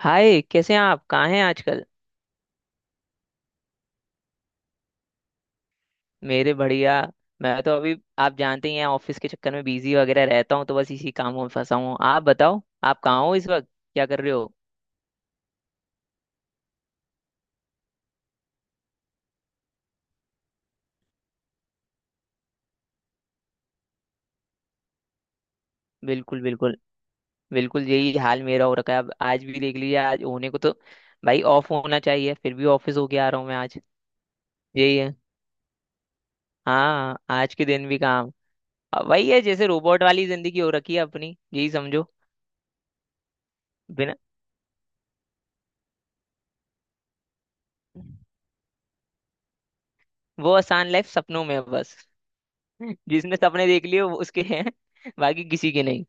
हाय, कैसे हैं आप? कहाँ हैं आजकल? मेरे बढ़िया। मैं तो अभी आप जानते ही हैं ऑफिस के चक्कर में बिजी वगैरह रहता हूँ, तो बस इसी कामों में फंसा हूँ। आप बताओ, आप कहाँ हो इस वक्त? क्या कर रहे हो? बिल्कुल, बिल्कुल, बिल्कुल। यही हाल मेरा हो रखा है। अब आज भी देख लीजिए, आज होने को तो भाई ऑफ होना चाहिए, फिर भी ऑफिस होके आ रहा हूँ मैं आज। यही है। हाँ, आज के दिन भी काम। अब वही है, जैसे रोबोट वाली जिंदगी हो रखी है अपनी, यही समझो। बिना वो आसान लाइफ सपनों में है बस। जिसने सपने देख लिए वो उसके हैं, बाकी किसी के नहीं।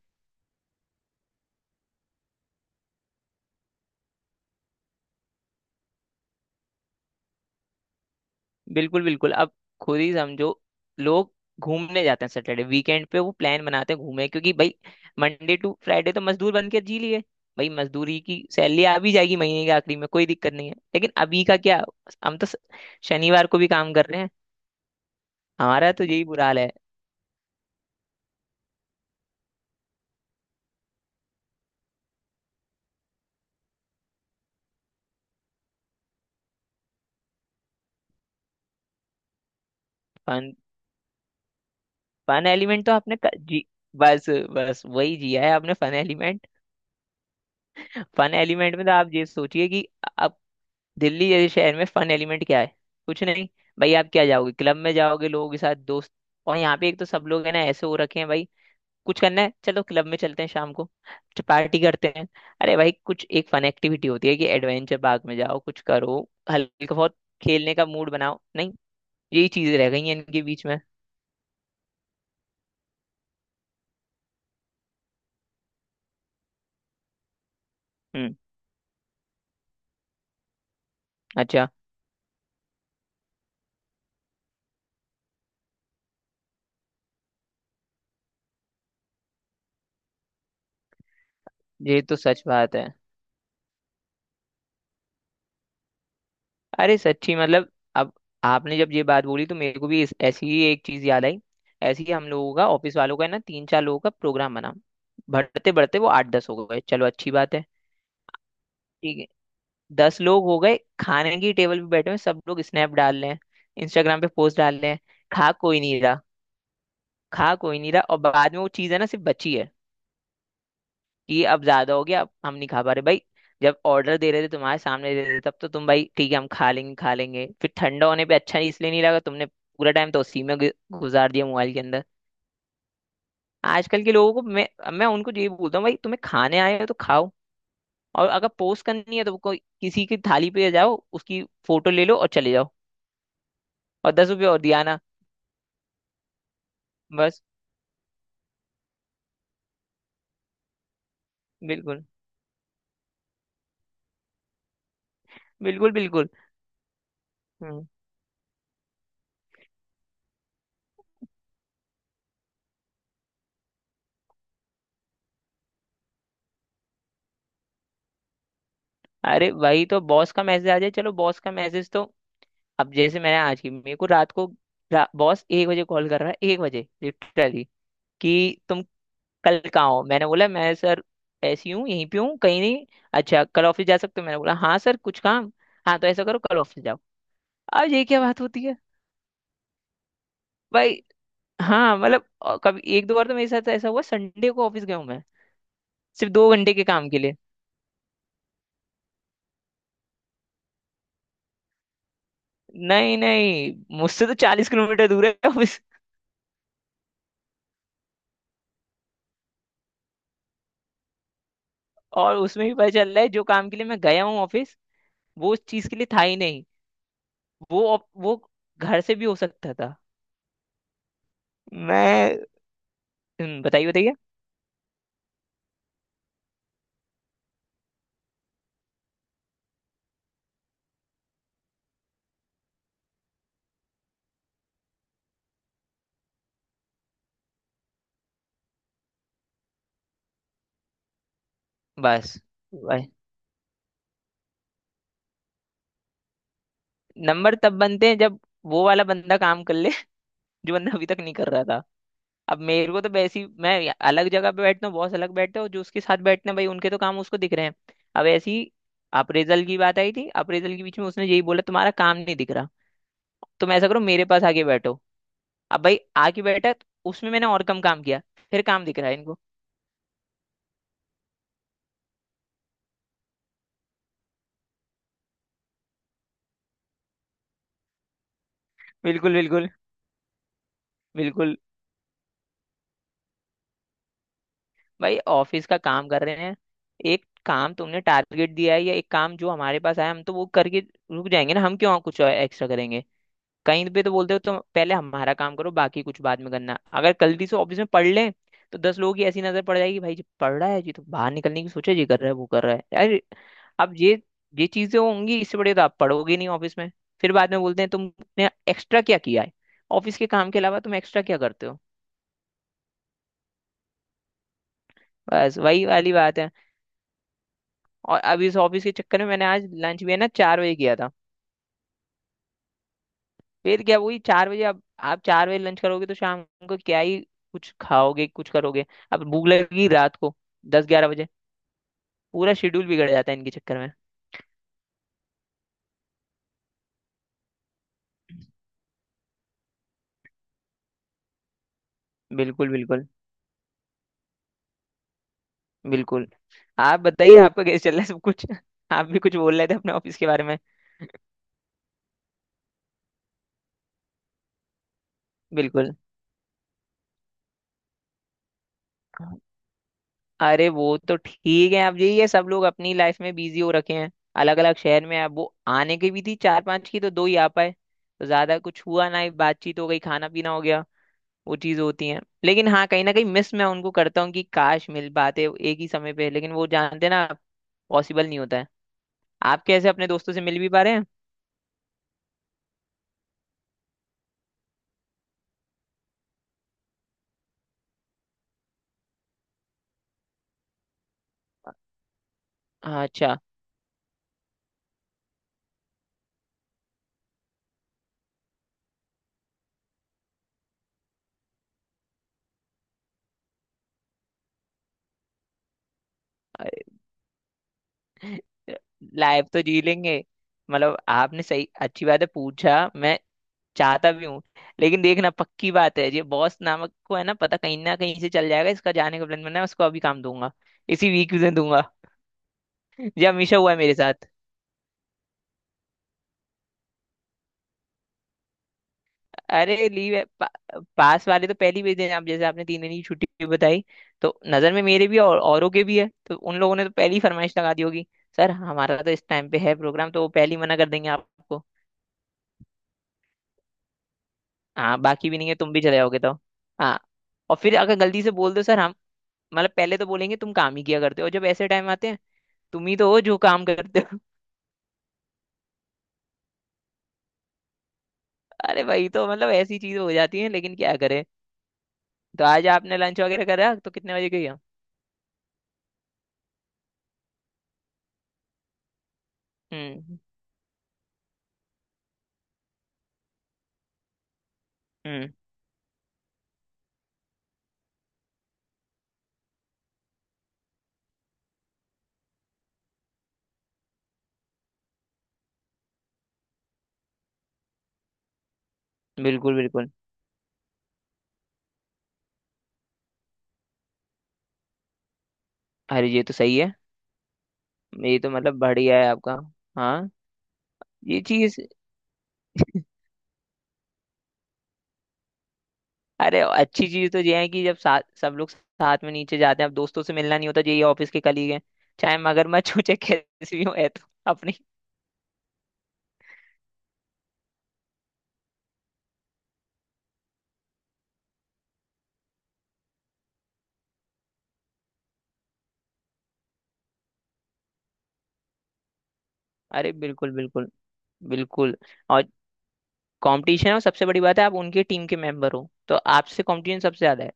बिल्कुल बिल्कुल। अब खुद ही समझो, लोग घूमने जाते हैं सैटरडे वीकेंड पे, वो प्लान बनाते हैं घूमे, क्योंकि भाई मंडे टू फ्राइडे तो मजदूर बन के जी लिए। भाई मजदूरी की सैलरी आ भी जाएगी महीने के आखिरी में, कोई दिक्कत नहीं है, लेकिन अभी का क्या? हम तो स- शनिवार को भी काम कर रहे हैं। हमारा तो यही बुरा हाल है। फन फन एलिमेंट तो जी, बस बस वही जिया है आपने फन एलिमेंट। फन एलिमेंट में तो आप ये सोचिए कि दिल्ली जैसे शहर में फन एलिमेंट क्या है? कुछ नहीं। भाई आप क्या जाओगे, क्लब में जाओगे लोगों के साथ दोस्त। और यहाँ पे एक तो सब लोग है ना, ऐसे हो रखे हैं भाई। कुछ करना है, चलो क्लब में चलते हैं शाम को, पार्टी करते हैं। अरे भाई कुछ एक फन एक्टिविटी होती है कि एडवेंचर पार्क में जाओ, कुछ करो, हल्का बहुत खेलने का मूड बनाओ, नहीं। यही चीजें रह गई हैं इनके बीच में। हम्म। अच्छा। ये तो सच बात है। अरे सच्ची, मतलब अब आपने जब ये बात बोली तो मेरे को भी ऐसी ही एक चीज याद आई। ऐसी ही हम लोगों का, ऑफिस वालों का है ना, तीन चार लोगों का प्रोग्राम बना, बढ़ते बढ़ते वो आठ दस हो गए, चलो अच्छी बात है। ठीक है, 10 लोग हो गए खाने की टेबल पे बैठे हुए, सब लोग स्नैप डाल रहे हैं, इंस्टाग्राम पे पोस्ट डाल रहे हैं। खा कोई नहीं रहा। खा कोई नहीं रहा, और बाद में वो चीज़ है ना, सिर्फ बची है कि अब ज्यादा हो गया, अब हम नहीं खा पा रहे भाई। जब ऑर्डर दे रहे थे तुम्हारे सामने दे रहे थे, तब तो तुम भाई ठीक है हम खा लेंगे खा लेंगे, फिर ठंडा होने पे अच्छा नहीं इसलिए नहीं लगा, तुमने पूरा टाइम तो उसी में गुजार दिया मोबाइल के अंदर। आजकल के लोगों को मैं उनको ये बोलता हूँ भाई तुम्हें खाने आए हो तो खाओ। और अगर पोस्ट करनी है तो कोई किसी की थाली पे जाओ, उसकी फोटो ले लो और चले जाओ। और 10 रुपये और दिया ना, बस। बिल्कुल बिल्कुल। बिल्कुल। हम्म, अरे वही तो, बॉस का मैसेज आ जाए, चलो बॉस का मैसेज तो। अब जैसे मैंने आज की, मेरे को रात को, बॉस 1 बजे कॉल कर रहा है, 1 बजे लिटरली। कि तुम कल कहाँ हो? मैंने बोला मैं सर ऐसी हूँ, यहीं पे हूँ, कहीं नहीं। अच्छा कल ऑफिस जा सकते हो? मैंने बोला हाँ सर, कुछ काम? हाँ तो ऐसा करो, कल ऑफिस जाओ। अब ये क्या बात होती है भाई? हाँ मतलब कभी एक दो बार तो मेरे साथ ऐसा हुआ, संडे को ऑफिस गया हूँ मैं, सिर्फ 2 घंटे के काम के लिए। नहीं नहीं, मुझसे तो 40 किलोमीटर दूर है ऑफिस। और उसमें भी पता चल रहा है जो काम के लिए मैं गया हूँ ऑफिस, वो उस चीज के लिए था ही नहीं। वो घर से भी हो सकता था। मैं बताइए बताइए। बस भाई, नंबर तब बनते हैं जब वो वाला बंदा काम कर ले, जो बंदा अभी तक नहीं कर रहा था। अब मेरे को तो वैसी, अलग जगह पे बैठता हूँ, बॉस अलग बैठते हैं, और जो उसके साथ बैठते हैं भाई उनके तो काम उसको दिख रहे हैं। अब ऐसी अप्रेजल की बात आई थी, अप्रेजल के बीच में उसने यही बोला तुम्हारा काम नहीं दिख रहा, तुम ऐसा करो मेरे पास आके बैठो। अब भाई आके बैठा तो उसमें मैंने और कम काम किया, फिर काम दिख रहा है इनको। बिल्कुल बिल्कुल। बिल्कुल। भाई ऑफिस का काम कर रहे हैं, एक काम तुमने टारगेट दिया है, या एक काम जो हमारे पास आया, हम तो वो करके रुक जाएंगे ना, हम क्यों कुछ एक्स्ट्रा करेंगे? कहीं पे तो बोलते हो तो पहले हमारा काम करो, बाकी कुछ बाद में करना। अगर गलती से ऑफिस में पढ़ लें तो 10 लोगों की ऐसी नजर पड़ जाएगी भाई जी पढ़ रहा है जी, तो बाहर निकलने की सोचा, जी कर रहा है वो कर रहा है यार। अब ये चीजें होंगी, इससे बड़े तो आप पढ़ोगे नहीं ऑफिस में। फिर बाद में बोलते हैं तुमने एक्स्ट्रा क्या किया है, ऑफिस के काम के अलावा तुम एक्स्ट्रा क्या करते हो। बस वही वाली बात है। और अब इस ऑफिस के चक्कर में मैंने आज लंच भी है ना 4 बजे किया था। फिर क्या, वही 4 बजे, अब आप 4 बजे लंच करोगे तो शाम को क्या ही कुछ खाओगे, कुछ करोगे? अब भूख लगेगी रात को 10-11 बजे, पूरा शेड्यूल बिगड़ जाता है इनके चक्कर में। बिल्कुल बिल्कुल। बिल्कुल। आप बताइए, आपका कैसे चल रहा है सब कुछ? आप भी कुछ बोल रहे थे अपने ऑफिस के बारे में। बिल्कुल। अरे वो तो ठीक है, अब यही है, सब लोग अपनी लाइफ में बिजी हो रखे हैं, अलग अलग शहर में। अब वो आने की भी थी चार पांच की तो दो ही आ पाए, तो ज्यादा कुछ हुआ ना, बातचीत हो गई, खाना पीना हो गया। वो चीज होती है, लेकिन हाँ कहीं ना कहीं मिस मैं उनको करता हूँ कि काश मिल पाते एक ही समय पे, लेकिन वो जानते हैं ना पॉसिबल नहीं होता है। आप कैसे अपने दोस्तों से मिल भी पा रहे हैं? हाँ, अच्छा। लाइफ तो जी लेंगे। मतलब आपने सही, अच्छी बात है पूछा, मैं चाहता भी हूँ। लेकिन देखना, पक्की बात है ये बॉस नामक को है ना, पता कहीं ना कहीं से चल जाएगा इसका जाने का प्लान बना है, उसको अभी काम दूंगा, इसी वीक में दूंगा। ये हमेशा हुआ है मेरे साथ। अरे लीव है, पास वाले तो पहली ही दिन, आप जैसे आपने 3 दिन की छुट्टी बताई तो नजर में मेरे भी और औरों के भी है, तो उन लोगों ने तो पहली ही फरमाइश लगा दी होगी। सर हमारा तो इस टाइम पे है प्रोग्राम, तो वो पहले ही मना कर देंगे आपको। हाँ, बाकी भी नहीं है, तुम भी चले जाओगे तो। हाँ। और फिर अगर गलती से बोल दो सर हम, मतलब पहले तो बोलेंगे तुम काम ही किया करते हो, और जब ऐसे टाइम आते हैं, तुम ही तो हो जो काम करते हो। अरे भाई तो मतलब ऐसी चीज हो जाती है, लेकिन क्या करे। तो आज आपने लंच वगैरह करा तो कितने बजे गई हो? हम्म। हम्म। बिल्कुल बिल्कुल। अरे ये तो सही है। ये तो मतलब बढ़िया है आपका। हाँ, ये चीज। अरे अच्छी चीज तो ये है कि जब साथ सब लोग साथ में नीचे जाते हैं, अब दोस्तों से मिलना नहीं होता, ये ऑफिस के कलीग हैं, चाहे मगरमच्छ हो चाहे कैसी भी हो, है तो अपनी। अरे बिल्कुल बिल्कुल। बिल्कुल। और कंपटीशन है, और सबसे बड़ी बात है आप उनकी टीम के मेंबर हो तो आपसे कंपटीशन सबसे ज्यादा है।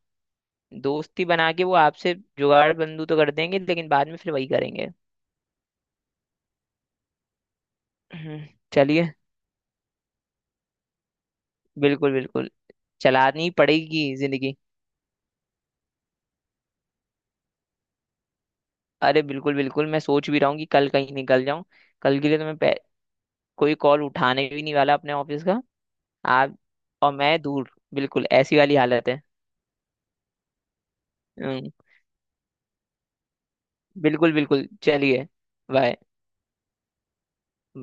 दोस्ती बना के वो आपसे जुगाड़ बंदू तो कर देंगे, लेकिन बाद में फिर वही करेंगे। हम्म, चलिए। बिल्कुल बिल्कुल। चलानी पड़ेगी जिंदगी। अरे बिल्कुल बिल्कुल, मैं सोच भी रहा हूँ कि कल कहीं निकल जाऊं। कल के लिए तो मैं कोई कॉल उठाने भी नहीं वाला अपने ऑफिस का। आप और मैं दूर, बिल्कुल ऐसी वाली हालत है। हम्म, बिल्कुल बिल्कुल। चलिए। बाय। बाय।